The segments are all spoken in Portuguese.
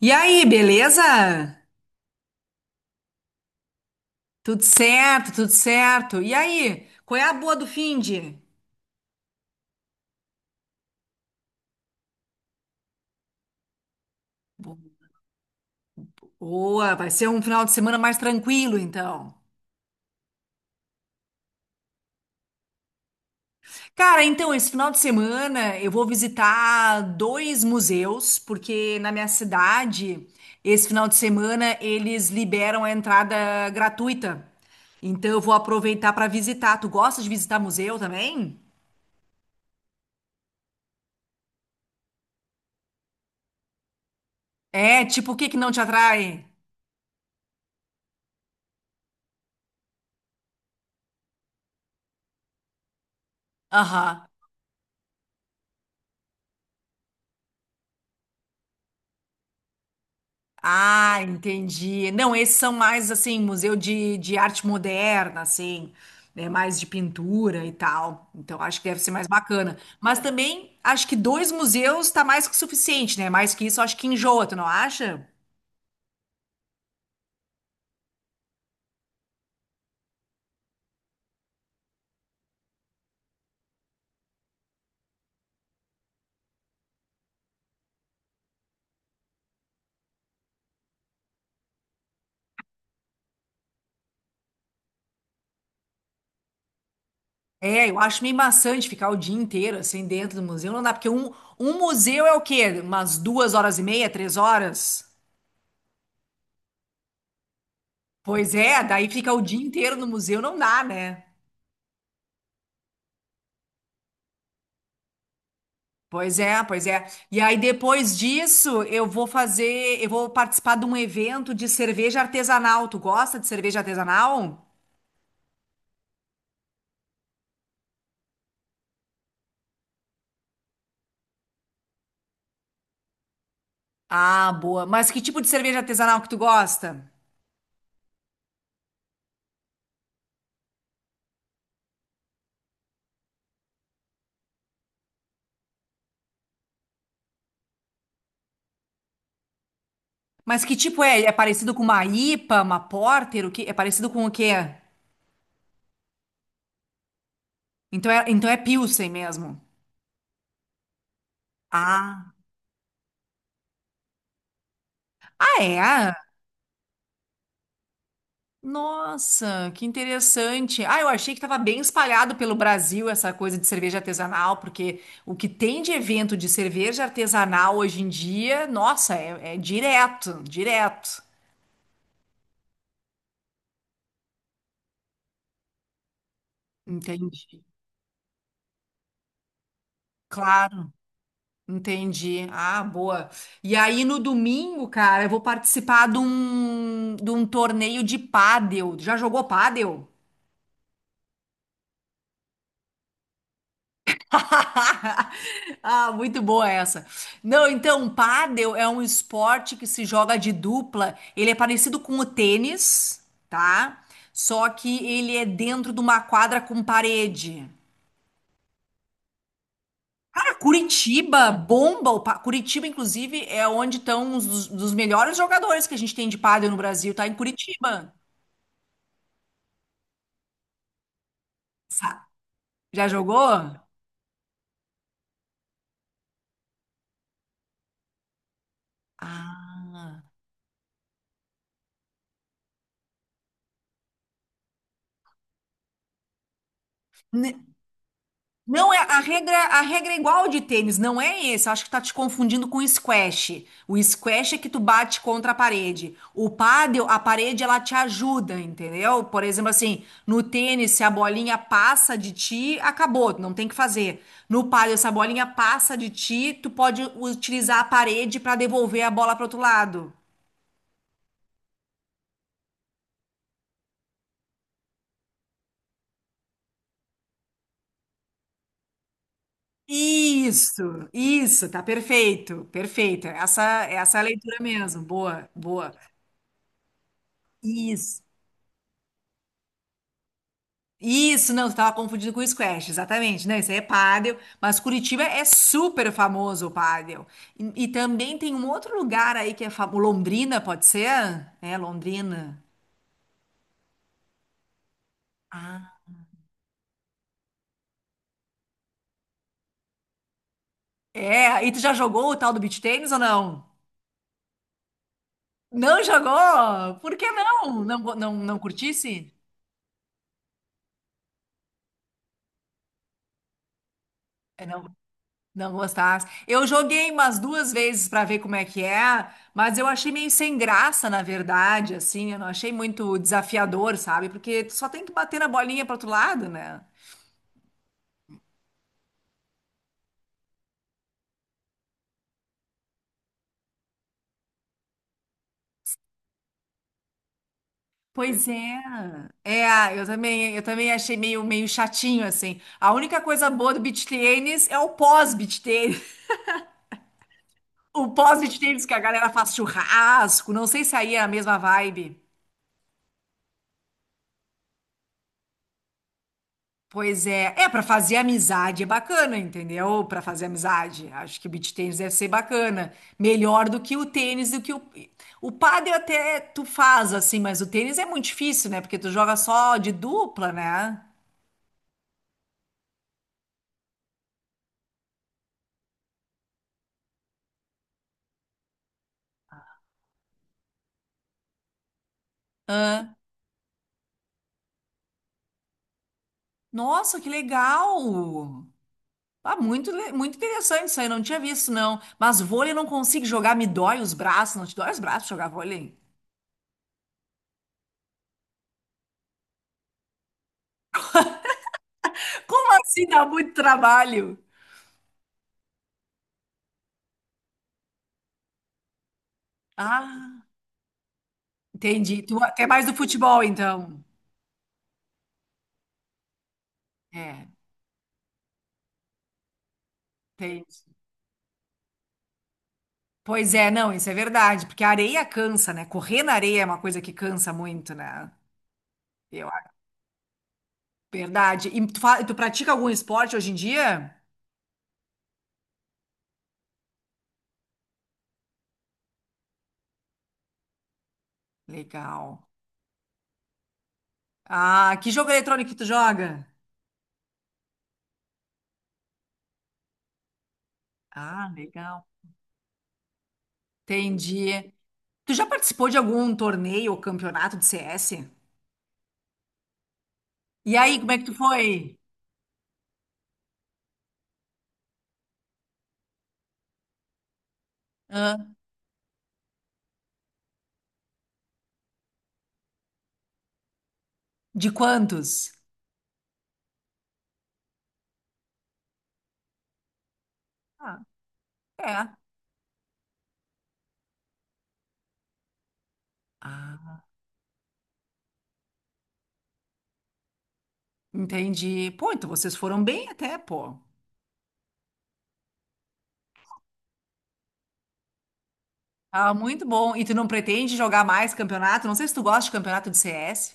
E aí, beleza? Tudo certo, tudo certo. E aí, qual é a boa do finde? Boa, vai ser um final de semana mais tranquilo, então. Cara, então, esse final de semana eu vou visitar dois museus, porque na minha cidade, esse final de semana, eles liberam a entrada gratuita. Então, eu vou aproveitar para visitar. Tu gosta de visitar museu também? É, tipo, o que que não te atrai? Aham. Ah, entendi. Não, esses são mais assim, museu de arte moderna, assim, né? Mais de pintura e tal. Então acho que deve ser mais bacana. Mas também acho que dois museus tá mais que suficiente, né? Mais que isso, acho que enjoa, tu não acha? É, eu acho meio maçante ficar o dia inteiro assim dentro do museu. Não dá, porque um museu é o quê? Umas duas horas e meia, três horas? Pois é, daí fica o dia inteiro no museu, não dá, né? Pois é, pois é. E aí depois disso, eu vou participar de um evento de cerveja artesanal. Tu gosta de cerveja artesanal? Ah, boa. Mas que tipo de cerveja artesanal que tu gosta? Mas que tipo é? É parecido com uma IPA, uma Porter, o que? É parecido com o quê? Então é Pilsen mesmo. Ah, ah, é? Nossa, que interessante. Ah, eu achei que estava bem espalhado pelo Brasil essa coisa de cerveja artesanal, porque o que tem de evento de cerveja artesanal hoje em dia, nossa, é direto, direto. Entendi. Claro, entendi. Ah, boa. E aí no domingo, cara, eu vou participar de um torneio de pádel. Já jogou pádel? Ah, muito boa essa. Não, então, pádel é um esporte que se joga de dupla. Ele é parecido com o tênis, tá? Só que ele é dentro de uma quadra com parede. Cara, Curitiba bomba. O pá- Curitiba, inclusive, é onde estão dos melhores jogadores que a gente tem de pádel no Brasil, tá? Em Curitiba. Sa- Já jogou? Ah. Não, é a regra é igual de tênis, não é esse. Eu acho que tá te confundindo com o squash. O squash é que tu bate contra a parede. O pádel, a parede, ela te ajuda, entendeu? Por exemplo, assim, no tênis, se a bolinha passa de ti, acabou, tu não tem o que fazer. No pádel, se a bolinha passa de ti, tu pode utilizar a parede para devolver a bola para outro lado. Isso, tá perfeito, perfeito. Essa é a leitura mesmo. Boa, boa. Isso. Isso, não, estava confundido com o squash, exatamente. Não, isso aí é pádel, mas Curitiba é super famoso o pádel. E também tem um outro lugar aí que é famoso, Londrina, pode ser? É, Londrina. Ah. É, e tu já jogou o tal do beach tennis ou não? Não jogou? Por que não? Não, go- não, não curtisse? É, não. Não gostasse. Eu joguei umas duas vezes para ver como é que é, mas eu achei meio sem graça, na verdade, assim, eu não achei muito desafiador, sabe? Porque tu só tem que bater na bolinha pro outro lado, né? Pois é. É, eu também achei meio chatinho, assim. A única coisa boa do beach tennis é o pós-beach tennis. O pós-beach tennis que a galera faz churrasco, não sei se aí é a mesma vibe. Pois é, é para fazer amizade é bacana, entendeu? Para fazer amizade, acho que o beach tênis deve ser bacana, melhor do que o tênis, do que o pádel até tu faz assim, mas o tênis é muito difícil, né? Porque tu joga só de dupla, né? Ah, nossa, que legal! Ah, muito, le- muito interessante isso aí, não tinha visto não. Mas vôlei eu não consigo jogar, me dói os braços, não te dói os braços jogar vôlei? Como assim dá muito trabalho? Ah, entendi. Tu até mais do futebol então. É, tem. Pois é, não, isso é verdade, porque a areia cansa, né? Correr na areia é uma coisa que cansa muito, né? Eu acho. Verdade. E tu, fa- tu pratica algum esporte hoje em dia? Legal. Ah, que jogo eletrônico que tu joga? Ah, legal. Entendi. Tu já participou de algum torneio ou campeonato de CS? E aí, como é que tu foi? Hã? De quantos? Ah, é. Ah, entendi. Pô, então vocês foram bem até, pô. Ah, muito bom. E tu não pretende jogar mais campeonato? Não sei se tu gosta de campeonato de CS,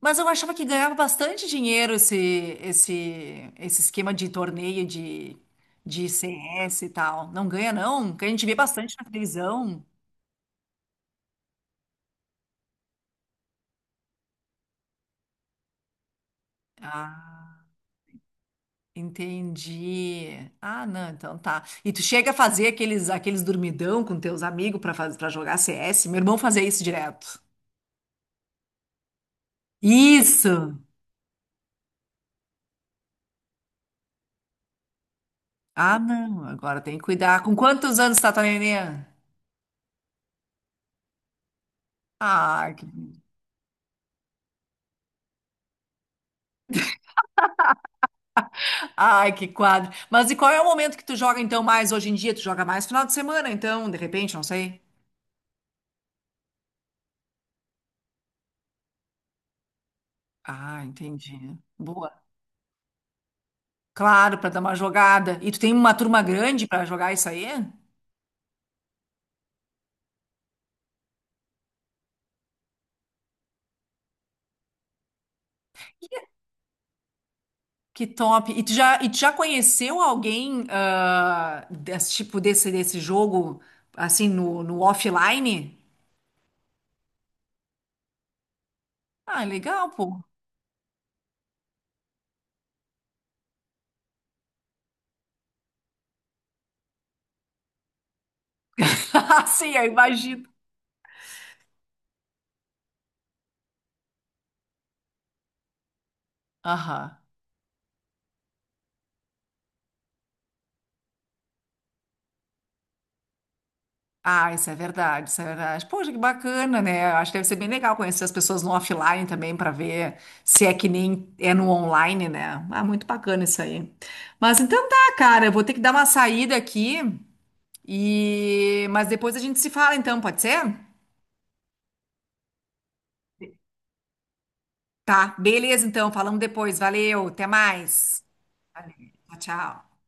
mas eu achava que ganhava bastante dinheiro esse esse esquema de torneio de CS e tal. Não ganha não? Porque a gente vê bastante na televisão. Ah, entendi. Ah, não, então tá. E tu chega a fazer aqueles dormidão com teus amigos para fazer para jogar CS? Meu irmão fazia isso direto. Isso. Ah, não, agora tem que cuidar. Com quantos anos tá tua neném? Ai, que bonito. Ai, que quadro. Mas e qual é o momento que tu joga então mais hoje em dia? Tu joga mais final de semana, então, de repente, não sei. Ah, entendi. Boa. Claro, pra dar uma jogada. E tu tem uma turma grande pra jogar isso aí? Que top. E tu já conheceu alguém ah, desse tipo desse jogo assim no, no offline? Ah, legal, pô. Sim, eu imagino. Aham. Ah, isso é verdade, isso é verdade. Poxa, que bacana, né? Eu acho que deve ser bem legal conhecer as pessoas no offline também para ver se é que nem é no online, né? Ah, muito bacana isso aí. Mas então tá, cara, eu vou ter que dar uma saída aqui e mas depois a gente se fala então, pode ser? Tá, beleza então, falamos depois. Valeu, até mais. Valeu, tchau, tchau.